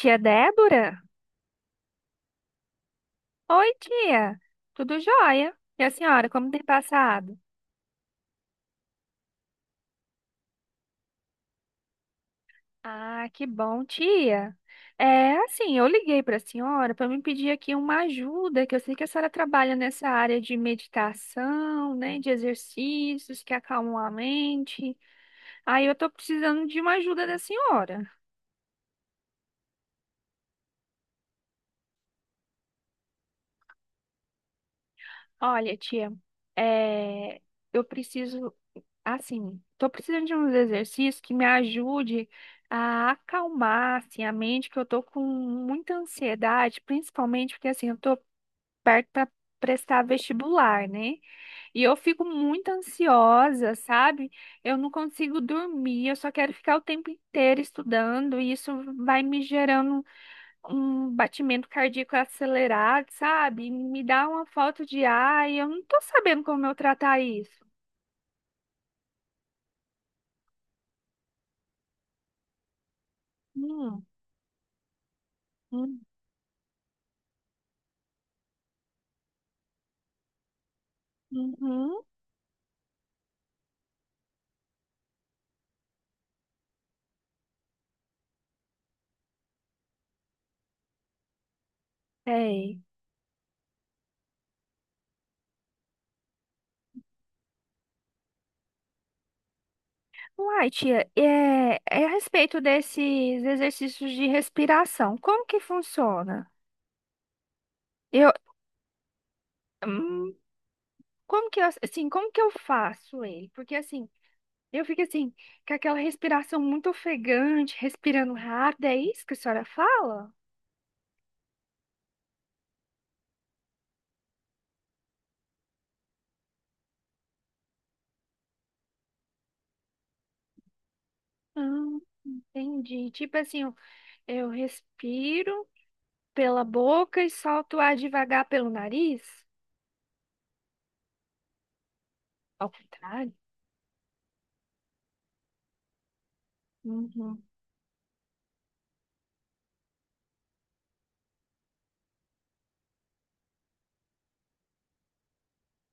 Tia Débora? Oi, tia. Tudo jóia? E a senhora, como tem passado? Ah, que bom, tia. Assim, eu liguei para a senhora para me pedir aqui uma ajuda, que eu sei que a senhora trabalha nessa área de meditação, né, de exercícios que acalmam a mente. Aí eu tô precisando de uma ajuda da senhora. Olha, tia, é, eu preciso. Assim, tô precisando de uns exercícios que me ajude a acalmar, assim, a mente, que eu tô com muita ansiedade, principalmente porque, assim, eu tô perto para prestar vestibular, né? E eu fico muito ansiosa, sabe? Eu não consigo dormir, eu só quero ficar o tempo inteiro estudando, e isso vai me gerando um batimento cardíaco acelerado, sabe? Me dá uma falta de ar, e eu não tô sabendo como eu tratar isso. Hum, hum, uhum. Sei. Uai, tia, é, é a respeito desses exercícios de respiração, como que funciona? Eu, hum, como que eu, assim, como que eu faço ele? Porque assim, eu fico assim, com aquela respiração muito ofegante, respirando rápido, é isso que a senhora fala? Hum, entendi. Tipo assim, eu respiro pela boca e solto o ar devagar pelo nariz? Ao contrário?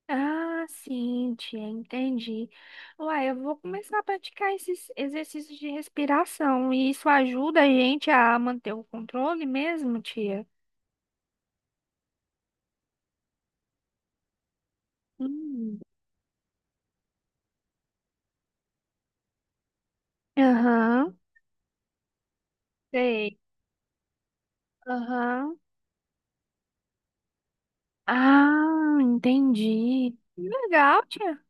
Ah, sim, tia, entendi. Uai, eu vou começar a praticar esses exercícios de respiração e isso ajuda a gente a manter o controle mesmo, tia? Hum. Aham, sei. Aham. Ah, entendi. Que legal, tia.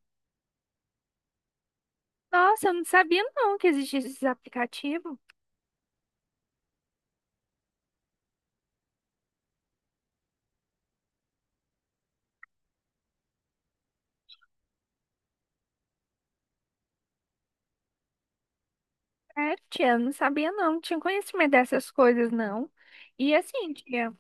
Nossa, eu não sabia não que existia esses aplicativos. É, tia, eu não sabia não, não tinha conhecimento dessas coisas não. E assim, tia.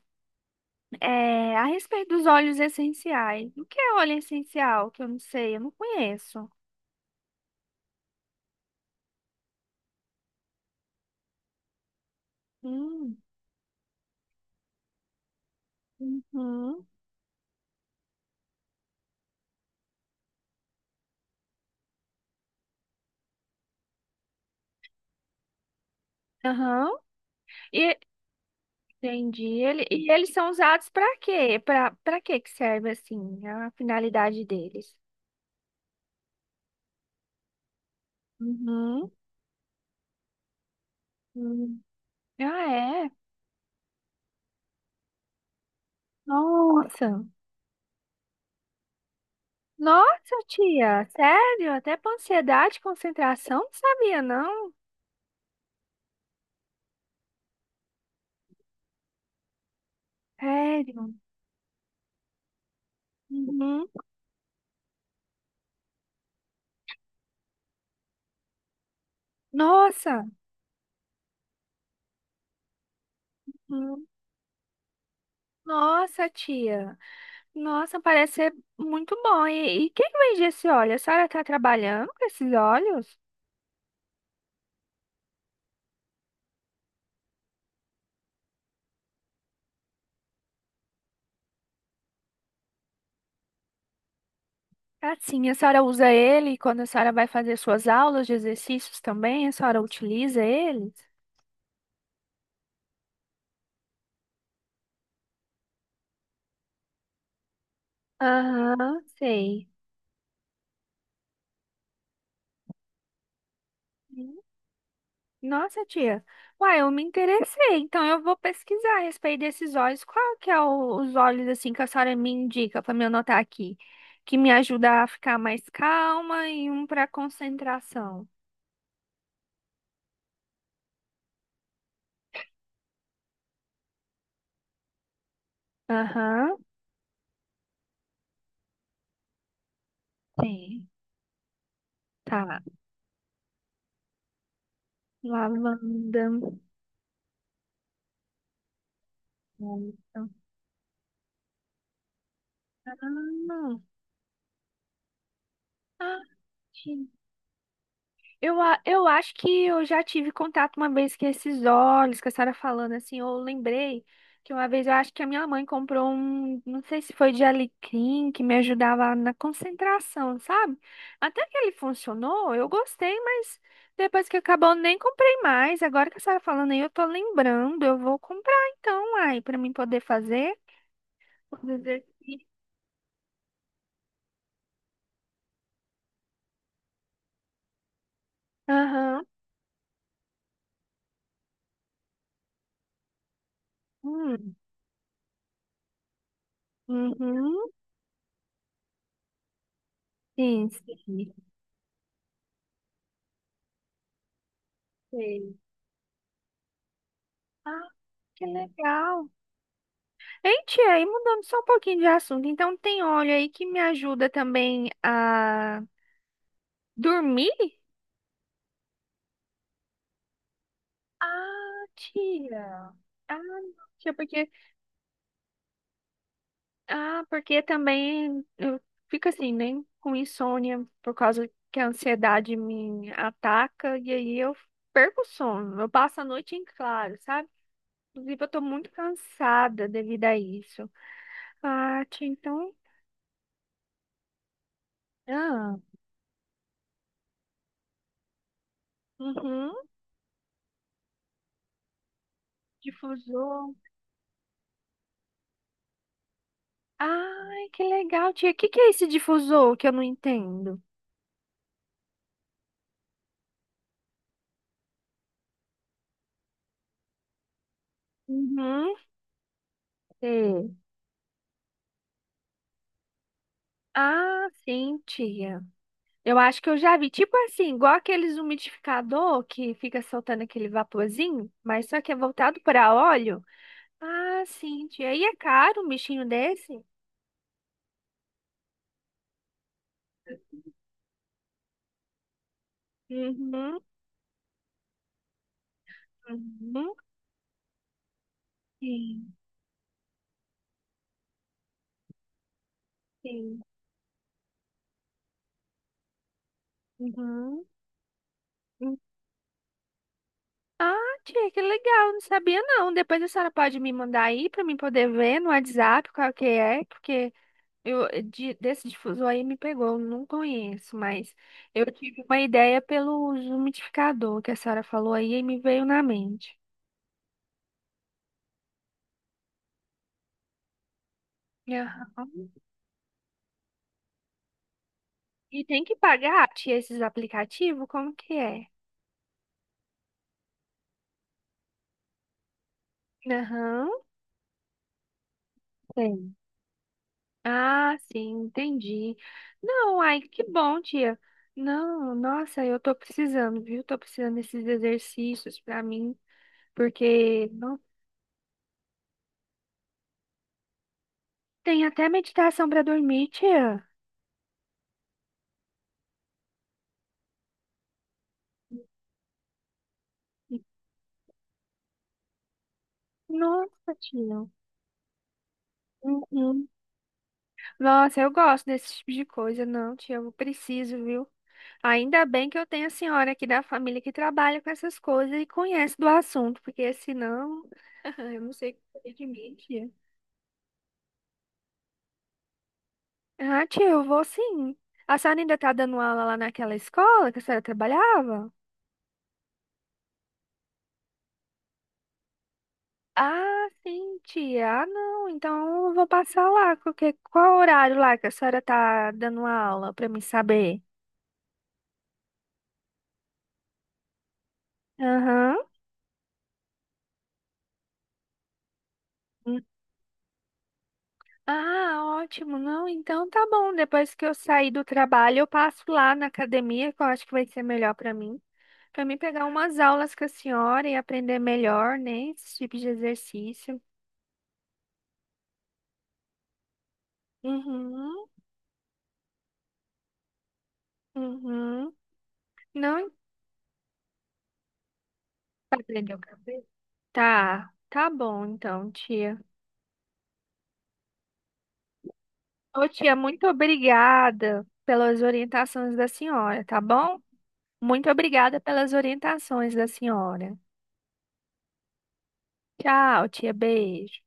É, a respeito dos óleos essenciais. O que é óleo essencial? Que eu não sei, eu não conheço. Hum. Uhum. Aham. E entendi. Ele, e eles são usados para quê? Para que que serve assim? A finalidade deles? Uhum. Hum. Ah, é. Nossa. Nossa, tia, sério? Até para ansiedade, concentração, não sabia não. Sério. Uhum. Nossa. Uhum. Nossa, tia. Nossa, parece ser muito bom. E quem vende esse óleo? A senhora está trabalhando com esses óleos? Assim, a senhora usa ele quando a senhora vai fazer suas aulas de exercícios também? A senhora utiliza eles? Aham, sei. Hum. Nossa, tia. Uai, eu me interessei. Então eu vou pesquisar a respeito desses óleos. Qual que é o- os óleos assim que a senhora me indica para me anotar aqui? Que me ajuda a ficar mais calma e um para concentração. Aham, sim. Tá. Lavanda. Nossa. Ah. Ah, gente. Eu acho que eu já tive contato uma vez com esses óleos que a senhora falando assim. Eu lembrei que uma vez eu acho que a minha mãe comprou um, não sei se foi de alecrim, que me ajudava na concentração, sabe? Até que ele funcionou, eu gostei, mas depois que acabou, eu nem comprei mais. Agora que a senhora falando aí, eu tô lembrando, eu vou comprar então, aí, pra mim poder fazer os exercícios. Aham. Hum. Uhum. Sim, sim. Sei. Ah, que legal. Hein, tia, aí mudando só um pouquinho de assunto, então tem óleo aí que me ajuda também a dormir? Ah, tia. Ah, não, tia, porque ah, porque também eu fico assim, né, com insônia por causa que a ansiedade me ataca e aí eu perco o sono. Eu passo a noite em claro, sabe? Inclusive, eu tô muito cansada devido a isso. Ah, tia, então ah. Uhum. Difusor. Ai, que legal, tia. O que que é esse difusor que eu não entendo? Uhum. Sei. Ah, sim, tia. Eu acho que eu já vi. Tipo assim, igual aqueles umidificador que fica soltando aquele vaporzinho, mas só que é voltado para óleo. Ah, sim, tia. E é caro um bichinho desse? Uhum. Uhum. Sim, sim. Uhum. Ah, tia, que legal, não sabia não. Depois a senhora pode me mandar aí pra mim poder ver no WhatsApp qual que é, porque desse difusor aí me pegou, eu não conheço, mas eu tive uma ideia pelo umidificador que a senhora falou aí e me veio na mente. Aham. E tem que pagar, tia, esses aplicativos? Como que é? Aham. Tem. Ah, sim, entendi. Não, ai, que bom, tia. Não, nossa, eu tô precisando, viu? Tô precisando desses exercícios pra mim, porque não tem até meditação pra dormir, tia. Nossa, tia. Uhum. Nossa, eu gosto desse tipo de coisa, não, tia, eu preciso, viu? Ainda bem que eu tenho a senhora aqui da família que trabalha com essas coisas e conhece do assunto, porque senão, eu não sei o que seria de mim, tia. Ah, tia, eu vou sim. A senhora ainda tá dando aula lá naquela escola que a senhora trabalhava? Ah, sim, tia. Ah, não. Então eu vou passar lá. Porque qual horário lá que a senhora tá dando aula pra mim saber? Aham. Hum. Ah, ótimo. Não, então tá bom. Depois que eu sair do trabalho, eu passo lá na academia, que eu acho que vai ser melhor pra mim. Pra mim pegar umas aulas com a senhora e aprender melhor, né? Esse tipo de exercício. Uhum, uhum. Não. Tá prendendo o cabelo? Tá, tá bom então, tia. Ô, tia, muito obrigada pelas orientações da senhora, tá bom? Muito obrigada pelas orientações da senhora. Tchau, tia, beijo.